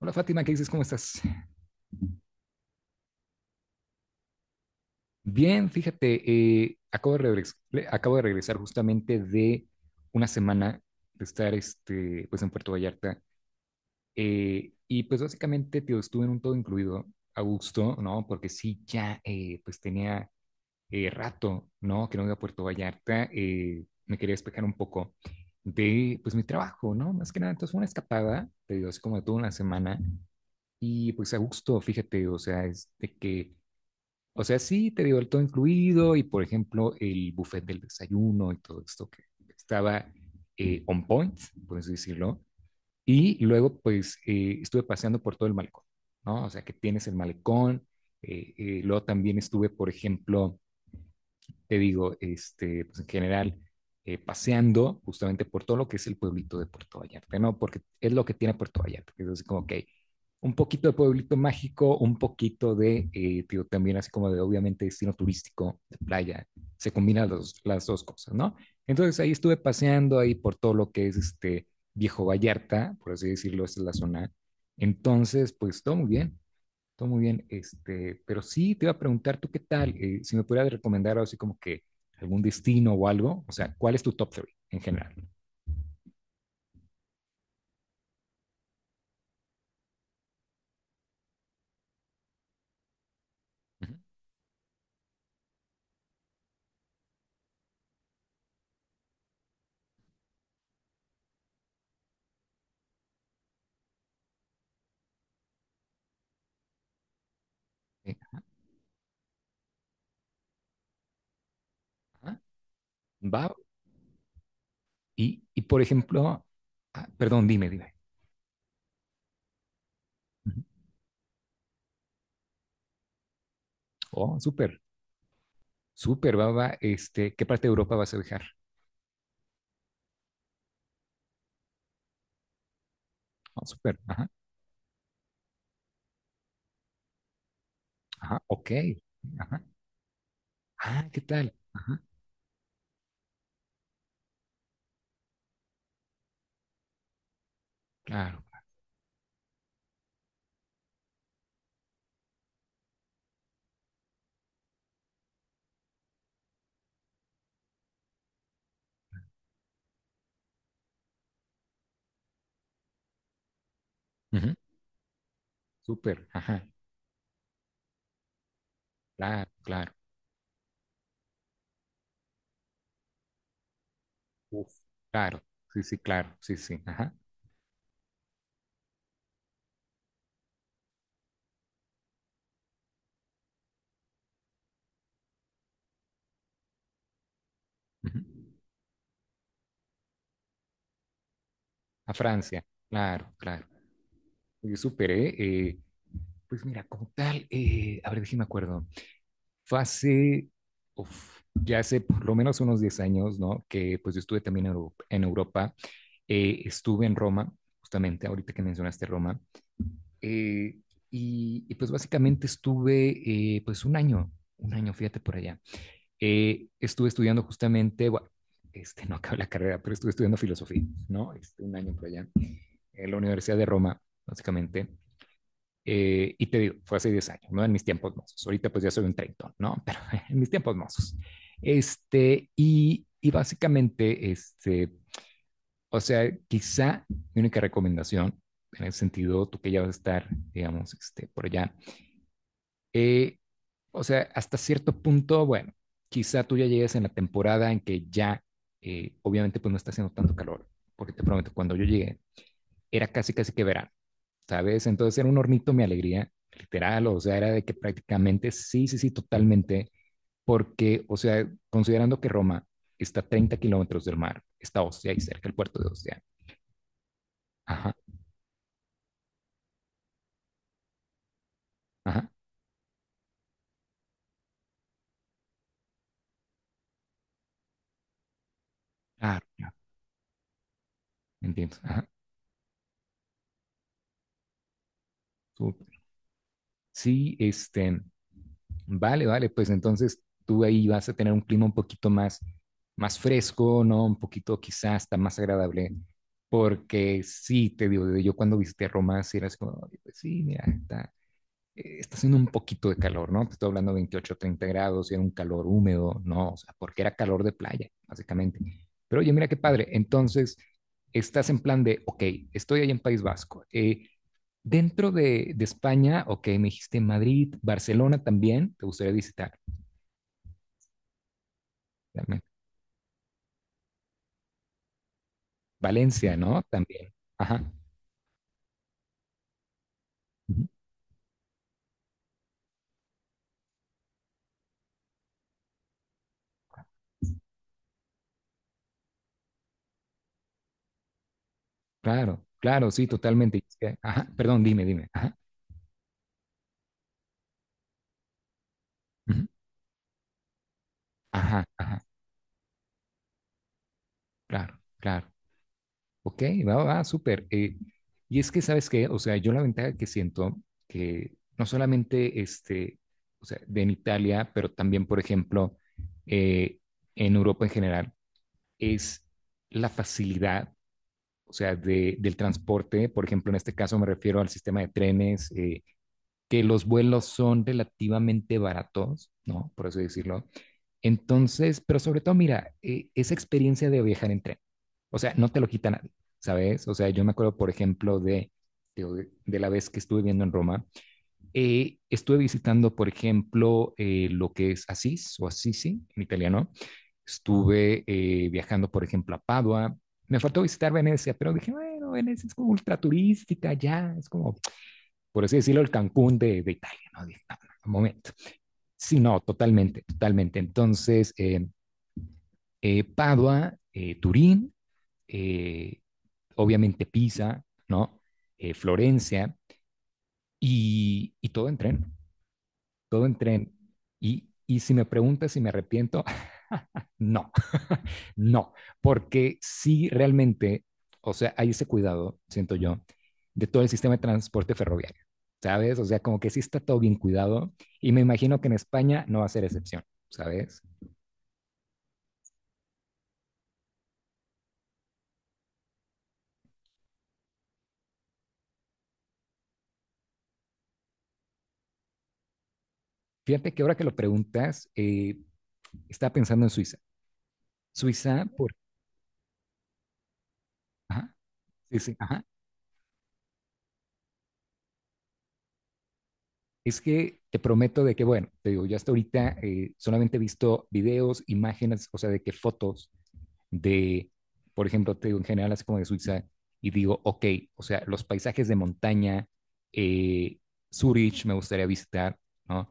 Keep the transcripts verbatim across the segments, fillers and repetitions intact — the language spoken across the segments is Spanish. Hola Fátima, ¿qué dices? ¿Cómo estás? Bien, fíjate, eh, acabo de regres- le- acabo de regresar justamente de una semana de estar este, pues, en Puerto Vallarta, eh, y pues básicamente tío, estuve en un todo incluido a gusto, ¿no? Porque sí, ya eh, pues tenía eh, rato, ¿no? Que no iba a Puerto Vallarta, eh, me quería despejar un poco de pues mi trabajo, ¿no? Más que nada, entonces fue una escapada, te digo, así como de toda una semana, y pues a gusto, fíjate, o sea, es de que o sea, sí, te digo, el todo incluido y, por ejemplo, el buffet del desayuno y todo esto que estaba, eh, on point, por así decirlo. Y luego, pues, eh, estuve paseando por todo el malecón, ¿no? O sea, que tienes el malecón. Eh, eh, luego también estuve, por ejemplo, te digo, este, pues en general, eh, paseando justamente por todo lo que es el pueblito de Puerto Vallarta, ¿no? Porque es lo que tiene Puerto Vallarta, que es así como, ok, un poquito de pueblito mágico, un poquito de, eh, digo, también así como de obviamente destino turístico, de playa, se combinan los, las dos cosas, ¿no? Entonces ahí estuve paseando ahí por todo lo que es este Viejo Vallarta, por así decirlo, esta es la zona. Entonces, pues todo muy bien, todo muy bien, este, pero sí te iba a preguntar tú qué tal. Eh, si me pudieras recomendar algo así como que algún destino o algo, o sea, ¿cuál es tu top three en general? Ujú. Eh, ajá, va, y, y por ejemplo, ah, perdón, dime, dime. Ujú. Oh, súper, súper, va, va, este, ¿qué parte de Europa vas a viajar? Oh, súper, ajá, ajá, ok, ajá, ah, ¿qué tal? Ajá, claro. Ujú. Súper, ajá, claro, claro, uf, claro, sí, sí, claro, sí, sí, ajá. Ujú. A Francia, claro, claro. Yo superé, eh, pues mira, como tal, eh, a ver, déjame acuerdo. Fue hace, uf, ya hace por lo menos unos diez años, ¿no? Que pues yo estuve también en Europa, en Europa. Eh, estuve en Roma, justamente ahorita que mencionaste Roma. Eh, y, y, pues básicamente estuve, eh, pues un año, un año, fíjate por allá. Eh, estuve estudiando justamente, bueno, este, no acabé la carrera, pero estuve estudiando filosofía, ¿no? Este, un año por allá, en la Universidad de Roma, básicamente. Eh, y te digo, fue hace diez años, ¿no? En mis tiempos mozos. Ahorita pues ya soy un treintón, ¿no? Pero en mis tiempos mozos. Este, y, y básicamente, este, o sea, quizá mi única recomendación, en el sentido, tú que ya vas a estar, digamos, este, por allá, eh, o sea, hasta cierto punto, bueno, quizá tú ya llegues en la temporada en que ya, eh, obviamente, pues no está haciendo tanto calor, porque te prometo, cuando yo llegué, era casi, casi que verano, ¿sabes? Entonces era un hornito mi alegría, literal, o sea, era de que prácticamente, sí, sí, sí, totalmente, porque, o sea, considerando que Roma está a treinta kilómetros del mar, está Ostia y cerca el puerto de Ostia. Ajá, ajá, claro, claro, entiendo, ajá, súper. Sí, este, vale, vale, pues entonces tú ahí vas a tener un clima un poquito más, más fresco, ¿no? Un poquito quizás hasta más agradable, porque sí, te digo, yo cuando visité Roma, sí era así como: "Oye, pues sí, mira, está, eh, está haciendo un poquito de calor, ¿no? Te estoy hablando de veintiocho, treinta grados, y era un calor húmedo, ¿no? O sea, porque era calor de playa, básicamente. Pero oye, mira qué padre, entonces estás en plan de, ok, estoy ahí en País Vasco, eh, dentro de, de, España, ok, me dijiste Madrid, Barcelona también, te gustaría visitar. También. Valencia, ¿no? También. Ajá. Ujú. Claro, claro, sí, totalmente. Es que- Ajá, perdón, dime, dime. Ajá. Ujú. Ajá, ajá, claro, claro. Ok, va, va, súper. Eh, y es que, ¿sabes qué? O sea, yo la ventaja que siento, que no solamente este, o sea, de en Italia, pero también, por ejemplo, eh, en Europa en general, es la facilidad, o sea, de, del transporte. Por ejemplo, en este caso me refiero al sistema de trenes, eh, que los vuelos son relativamente baratos, ¿no? Por eso decirlo. Entonces, pero sobre todo, mira, eh, esa experiencia de viajar en tren, o sea, no te lo quita nadie, ¿sabes? O sea, yo me acuerdo, por ejemplo, de, de, de la vez que estuve viendo en Roma, eh, estuve visitando, por ejemplo, eh, lo que es Asís o Assisi en italiano. Estuve, eh, viajando, por ejemplo, a Padua. Me faltó visitar Venecia, pero dije, bueno, Venecia es como ultra turística, ya, es como, por así decirlo, el Cancún de, de Italia, ¿no? Dije, no, no, un momento. Sí, no, totalmente, totalmente. Entonces, eh, eh, Padua, eh, Turín, eh, obviamente Pisa, ¿no? Eh, Florencia, y, y todo en tren. Todo en tren. Y, y si me preguntas si me arrepiento, no, no, porque sí realmente, o sea, hay ese cuidado, siento yo, de todo el sistema de transporte ferroviario, ¿sabes? O sea, como que sí está todo bien cuidado y me imagino que en España no va a ser excepción, ¿sabes? Fíjate que ahora que lo preguntas, eh, estaba pensando en Suiza. Suiza, por... Ajá, sí, sí, ajá. Es que te prometo de que, bueno, te digo, yo hasta ahorita, eh, solamente he visto videos, imágenes, o sea, de que fotos de, por ejemplo, te digo en general así como de Suiza, y digo, ok, o sea, los paisajes de montaña, eh, Zurich me gustaría visitar, ¿no?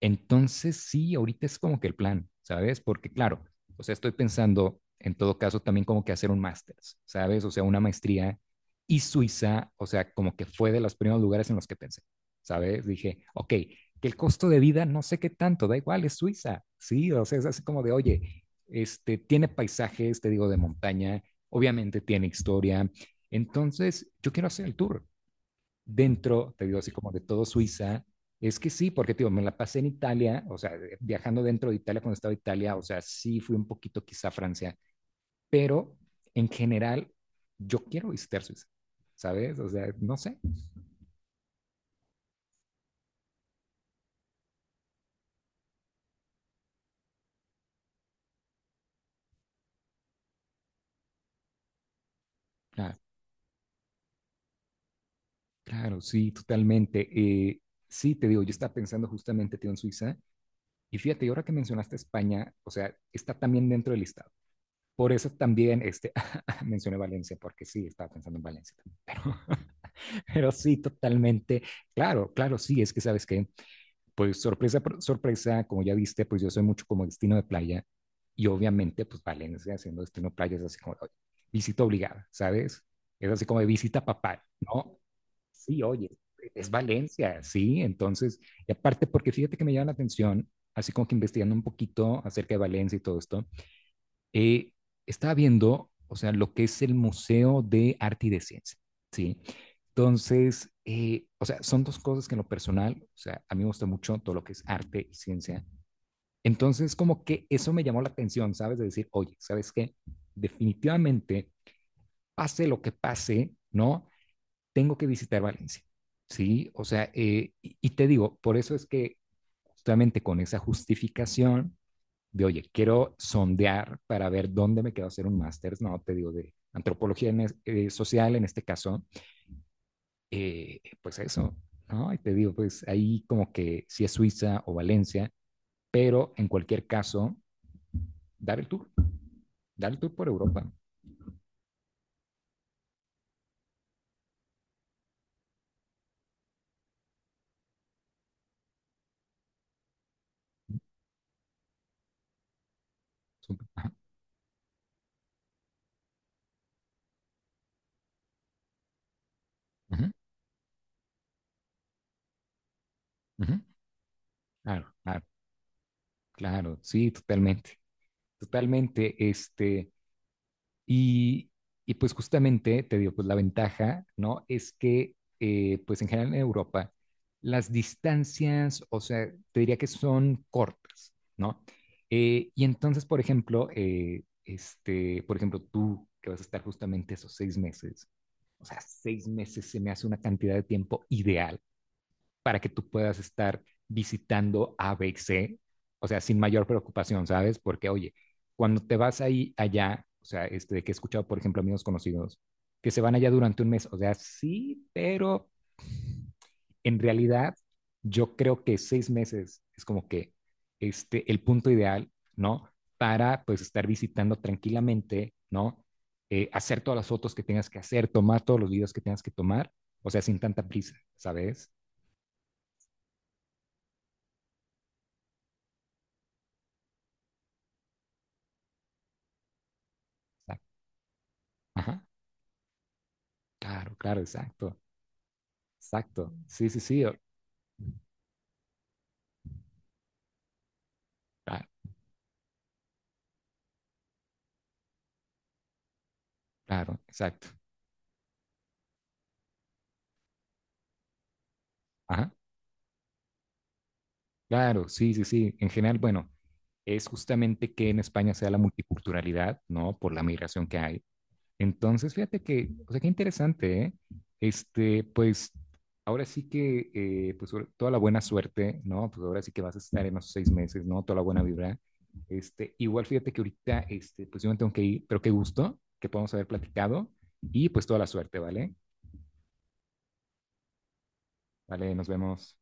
Entonces sí, ahorita es como que el plan, ¿sabes? Porque claro, o sea, estoy pensando en todo caso también como que hacer un máster, ¿sabes? O sea, una maestría y Suiza, o sea, como que fue de los primeros lugares en los que pensé, ¿sabes? Dije, ok, que el costo de vida no sé qué tanto, da igual, es Suiza, sí, o sea, es así como de, oye, este, tiene paisajes, te digo, de montaña, obviamente tiene historia. Entonces, yo quiero hacer el tour dentro, te digo, así como de todo Suiza. Es que sí, porque, te digo, me la pasé en Italia, o sea, eh, viajando dentro de Italia cuando estaba en Italia, o sea, sí fui un poquito quizá a Francia, pero en general, yo quiero visitar Suiza, ¿sabes? O sea, no sé. Ah, claro, sí, totalmente. Eh, sí, te digo, yo estaba pensando justamente, tío, en Suiza, y fíjate, y ahora que mencionaste España, o sea, está también dentro del listado. Por eso también este, mencioné Valencia, porque sí, estaba pensando en Valencia. Pero, pero sí, totalmente. Claro, claro, sí, es que sabes que, pues sorpresa, sorpresa, como ya viste, pues yo soy mucho como destino de playa, y obviamente, pues Valencia siendo destino de playa es así como: oye, visita obligada, ¿sabes? Es así como de visita papal, ¿no? Sí, oye, es Valencia, sí. Entonces, y aparte, porque fíjate que me llama la atención, así como que investigando un poquito acerca de Valencia y todo esto, eh, estaba viendo, o sea, lo que es el Museo de Arte y de Ciencia, ¿sí? Entonces, eh, o sea, son dos cosas que en lo personal, o sea, a mí me gusta mucho todo lo que es arte y ciencia. Entonces, como que eso me llamó la atención, ¿sabes? De decir, oye, ¿sabes qué? Definitivamente, pase lo que pase, ¿no? Tengo que visitar Valencia, ¿sí? O sea, eh, y, y te digo, por eso es que justamente con esa justificación, de, oye, quiero sondear para ver dónde me quedo hacer un máster, no, te digo, de antropología en es, eh, social en este caso, eh, pues eso, ¿no? Y te digo, pues ahí como que si es Suiza o Valencia, pero en cualquier caso, dar el tour, dar el tour por Europa. Ajá, ajá, ajá. Claro, claro, claro, sí, totalmente, totalmente, este, Y, y pues justamente, te digo, pues la ventaja, ¿no? Es que, eh, pues en general en Europa, las distancias, o sea, te diría que son cortas, ¿no? Eh, y entonces, por ejemplo, eh, este, por ejemplo, tú que vas a estar justamente esos seis meses, o sea, seis meses se me hace una cantidad de tiempo ideal para que tú puedas estar visitando a ABC, o sea, sin mayor preocupación, ¿sabes? Porque, oye, cuando te vas ahí allá, o sea, este, que he escuchado, por ejemplo, amigos conocidos, que se van allá durante un mes, o sea, sí, pero en realidad yo creo que seis meses es como que este, el punto ideal, ¿no? Para pues estar visitando tranquilamente, ¿no? Eh, hacer todas las fotos que tengas que hacer, tomar todos los videos que tengas que tomar, o sea, sin tanta prisa, ¿sabes? Ajá. Claro, claro, exacto, exacto. Sí, sí, sí, o- ah, claro, exacto. Ajá, claro, sí, sí, sí. En general, bueno, es justamente que en España sea la multiculturalidad, ¿no? Por la migración que hay. Entonces, fíjate que, o sea, qué interesante, ¿eh? Este, pues, ahora sí que, eh, pues, sobre- toda la buena suerte, ¿no? Pues ahora sí que vas a estar en los seis meses, ¿no? Toda la buena vibra. Este, igual fíjate que ahorita, este, pues yo me tengo que ir, pero qué gusto que podamos haber platicado, y pues toda la suerte, ¿vale? Vale, nos vemos.